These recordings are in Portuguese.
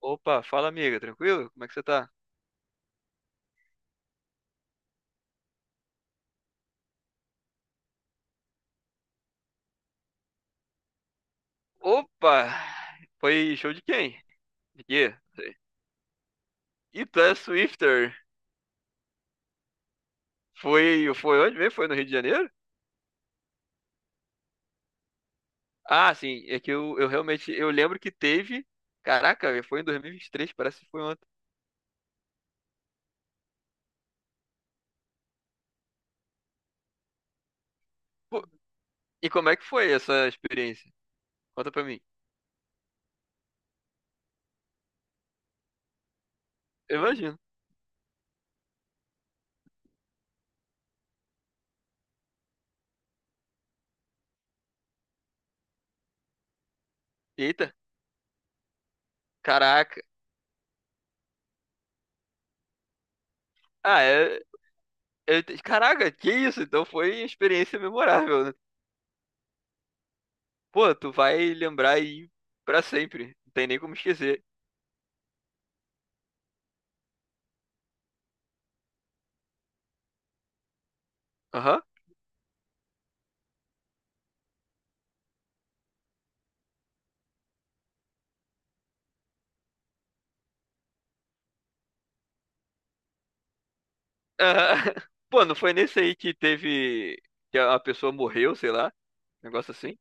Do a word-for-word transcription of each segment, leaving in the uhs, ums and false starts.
Opa, fala amiga, tranquilo? Como é que você tá? Opa! Foi show de quem? De quê? Não sei. Ita Swifter. Foi, foi onde mesmo? Foi no Rio de Janeiro? Ah, sim, é que eu, eu realmente, eu lembro que teve, caraca, velho, foi em dois mil e vinte e três, parece que foi ontem. Pô, e como é que foi essa experiência? Conta pra mim. Eu imagino. Eita, caraca. Ah, é, é- caraca, que isso? Então foi experiência memorável, né? Pô, tu vai lembrar aí pra sempre, não tem nem como esquecer. Aham. Ah, pô, não foi nesse aí que teve. Que a pessoa morreu, sei lá. Negócio assim.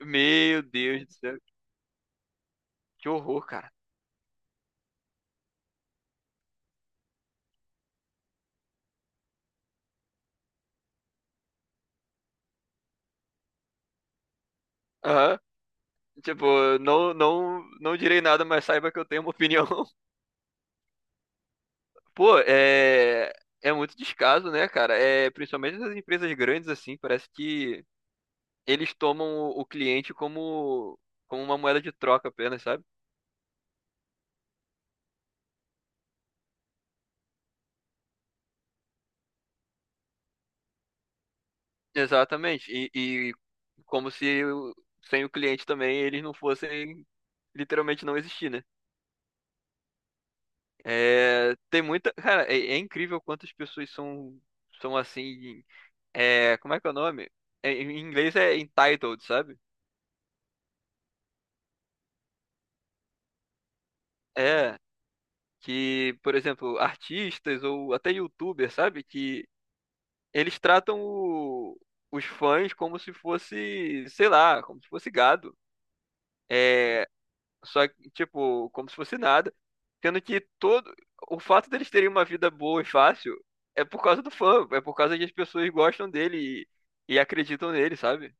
Meu Deus do céu. Que horror, cara. Aham. Tipo, não, não, não direi nada, mas saiba que eu tenho uma opinião. Pô, é. É muito descaso, né, cara? É, principalmente nas empresas grandes, assim, parece que eles tomam o o cliente como, como uma moeda de troca apenas, sabe? Exatamente. E, e como se o- sem o cliente também eles não fossem literalmente não existir, né? É, tem muita. Cara, é, é incrível quantas pessoas são, são assim. É, como é que é o nome? É, em inglês é entitled, sabe? É. Que, por exemplo, artistas ou até youtubers, sabe? Que eles tratam o- os fãs como se fosse, sei lá, como se fosse gado. É, só que, tipo, como se fosse nada. Sendo que todo. O fato deles terem uma vida boa e fácil é por causa do fã, é por causa que as pessoas gostam dele e, e acreditam nele, sabe?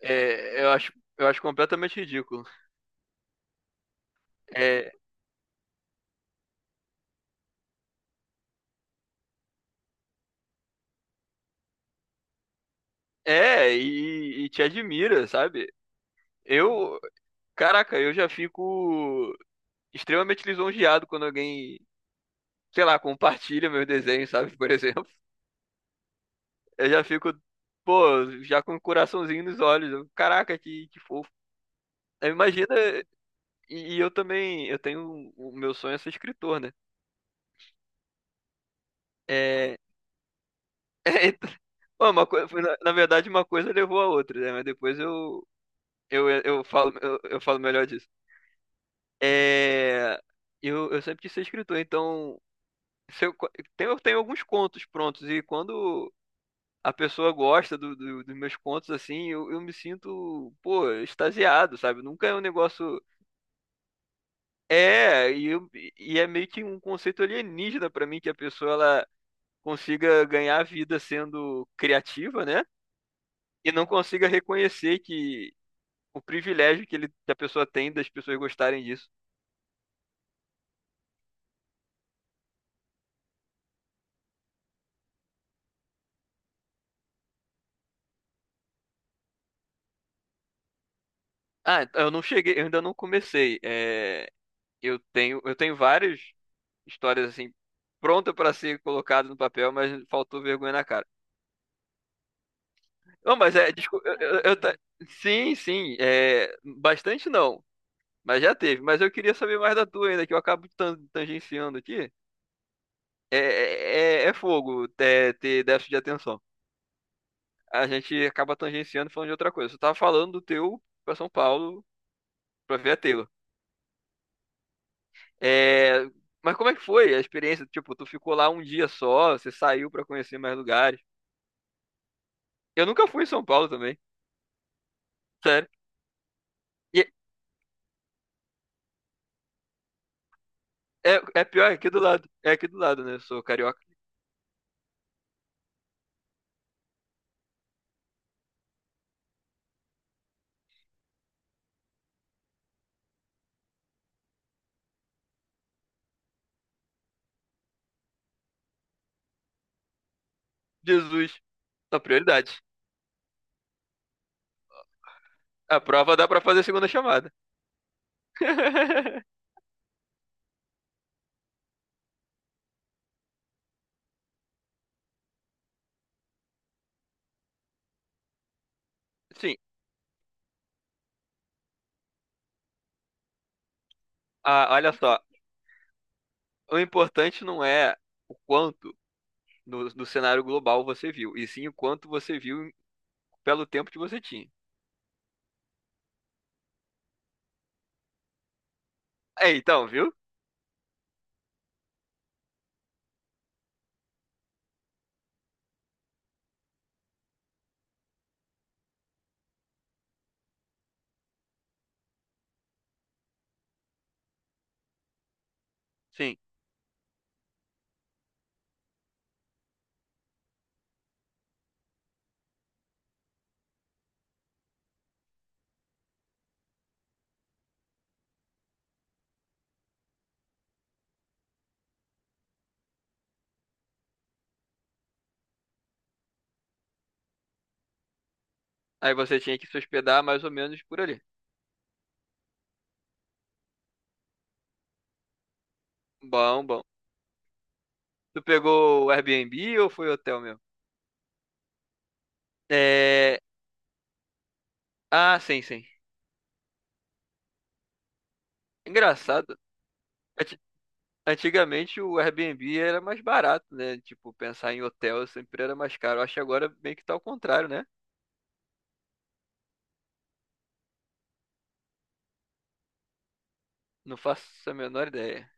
É, eu acho, eu acho completamente ridículo. É, é e, e te admira, sabe? Eu, caraca, eu já fico extremamente lisonjeado quando alguém, sei lá, compartilha meus desenhos, sabe? Por exemplo, eu já fico, pô, já com o coraçãozinho nos olhos. Eu, caraca, que, que fofo. Eu imagino, eh, e e eu também, eu tenho, o meu sonho é ser escritor, né? É, é, bom, uma coisa, foi na, na verdade, uma coisa levou a outra, né? Mas depois eu, eu, eu falo, eu, eu falo melhor disso. É, eu, eu sempre quis ser escritor, então, se eu, co- tem- eu tenho alguns contos prontos, e quando a pessoa gosta do, do- dos meus contos, assim, eu, eu me sinto, pô, extasiado, sabe? Nunca é um negócio... É, e, eu- e é meio que um conceito alienígena pra mim, que a pessoa, ela consiga ganhar vida sendo criativa, né? E não consiga reconhecer que o privilégio que, ele, que a pessoa tem das pessoas gostarem disso. Ah, então, eu não cheguei, eu ainda não comecei. É, eu tenho, eu tenho várias histórias assim pronta para ser colocada no papel, mas faltou vergonha na cara. Não, mas é, desculpa, eu, eu- eu tá- sim, sim, é, bastante não, mas já teve. Mas eu queria saber mais da tua ainda, que eu acabo tan- tangenciando aqui. É, é, é é fogo é, ter déficit de atenção. A gente acaba tangenciando e falando de outra coisa. Você tava falando do teu pra São Paulo pra ver a Taylor. É, mas como é que foi a experiência? Tipo, tu ficou lá um dia só, você saiu pra conhecer mais lugares. Eu nunca fui em São Paulo também, sério. E é, é pior, é aqui do lado. É aqui do lado, né? Eu sou carioca. Jesus, a prioridade. A prova dá pra fazer segunda chamada. Sim, ah, olha só. O importante não é o quanto no, no cenário global você viu, e sim o quanto você viu pelo tempo que você tinha. É, então, viu? Sim. Aí você tinha que se hospedar mais ou menos por ali. Bom, bom. Tu pegou o Airbnb ou foi hotel mesmo? É... Ah, sim, sim. Engraçado. Ati- Antigamente o Airbnb era mais barato, né? Tipo, pensar em hotel sempre era mais caro. Acho que agora meio que tá ao contrário, né? Não faço a menor ideia.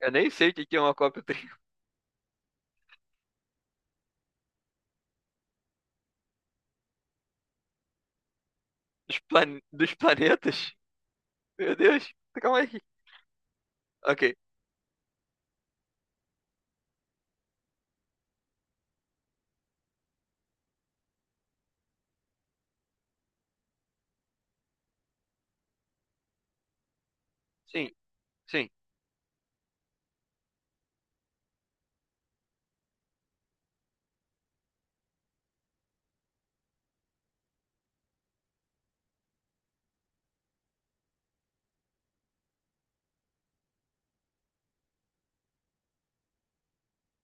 Eu nem sei o que que é uma cópia tri- dos, plane- dos planetas. Meu Deus, calma aí. Ok. Sim, sim,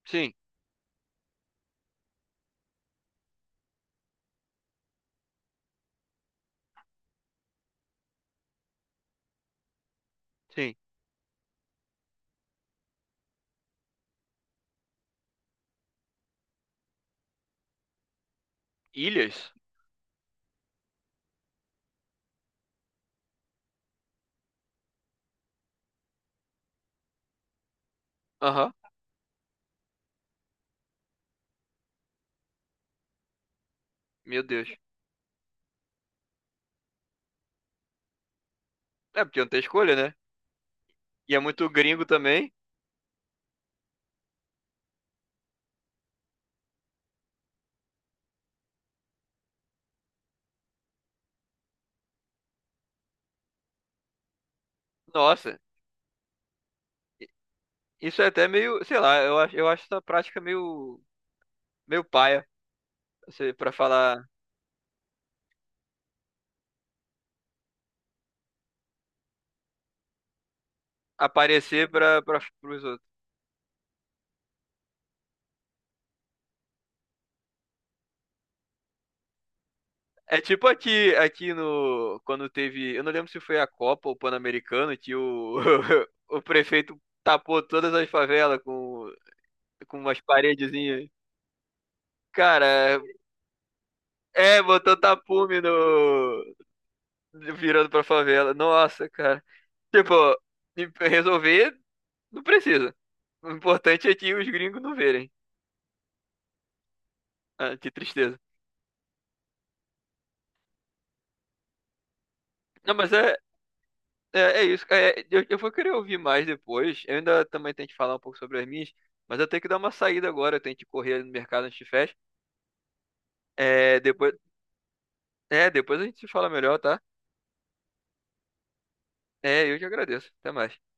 sim, sim. Ilhas? Aham. Meu Deus. É, porque não tem escolha, né? E é muito gringo também. Nossa, isso é até meio, sei lá, eu acho, eu acho essa prática meio, meio paia, assim, pra falar, aparecer pra, pra, pros outros. É tipo aqui, aqui no, quando teve, eu não lembro se foi a Copa ou o Pan-Americano, que o, o prefeito tapou todas as favelas com, com umas paredezinhas. Cara, é, botou tapume no, virando pra favela. Nossa, cara. Tipo, resolver não precisa. O importante é que os gringos não verem. Ah, que tristeza. Não, mas é, é, é isso. É, eu, eu vou querer ouvir mais depois. Eu ainda também tenho que falar um pouco sobre as minhas, mas eu tenho que dar uma saída agora. Eu tenho que correr ali no mercado antes de fecha. É, depois, é, depois a gente se fala melhor, tá? É, eu te agradeço. Até mais.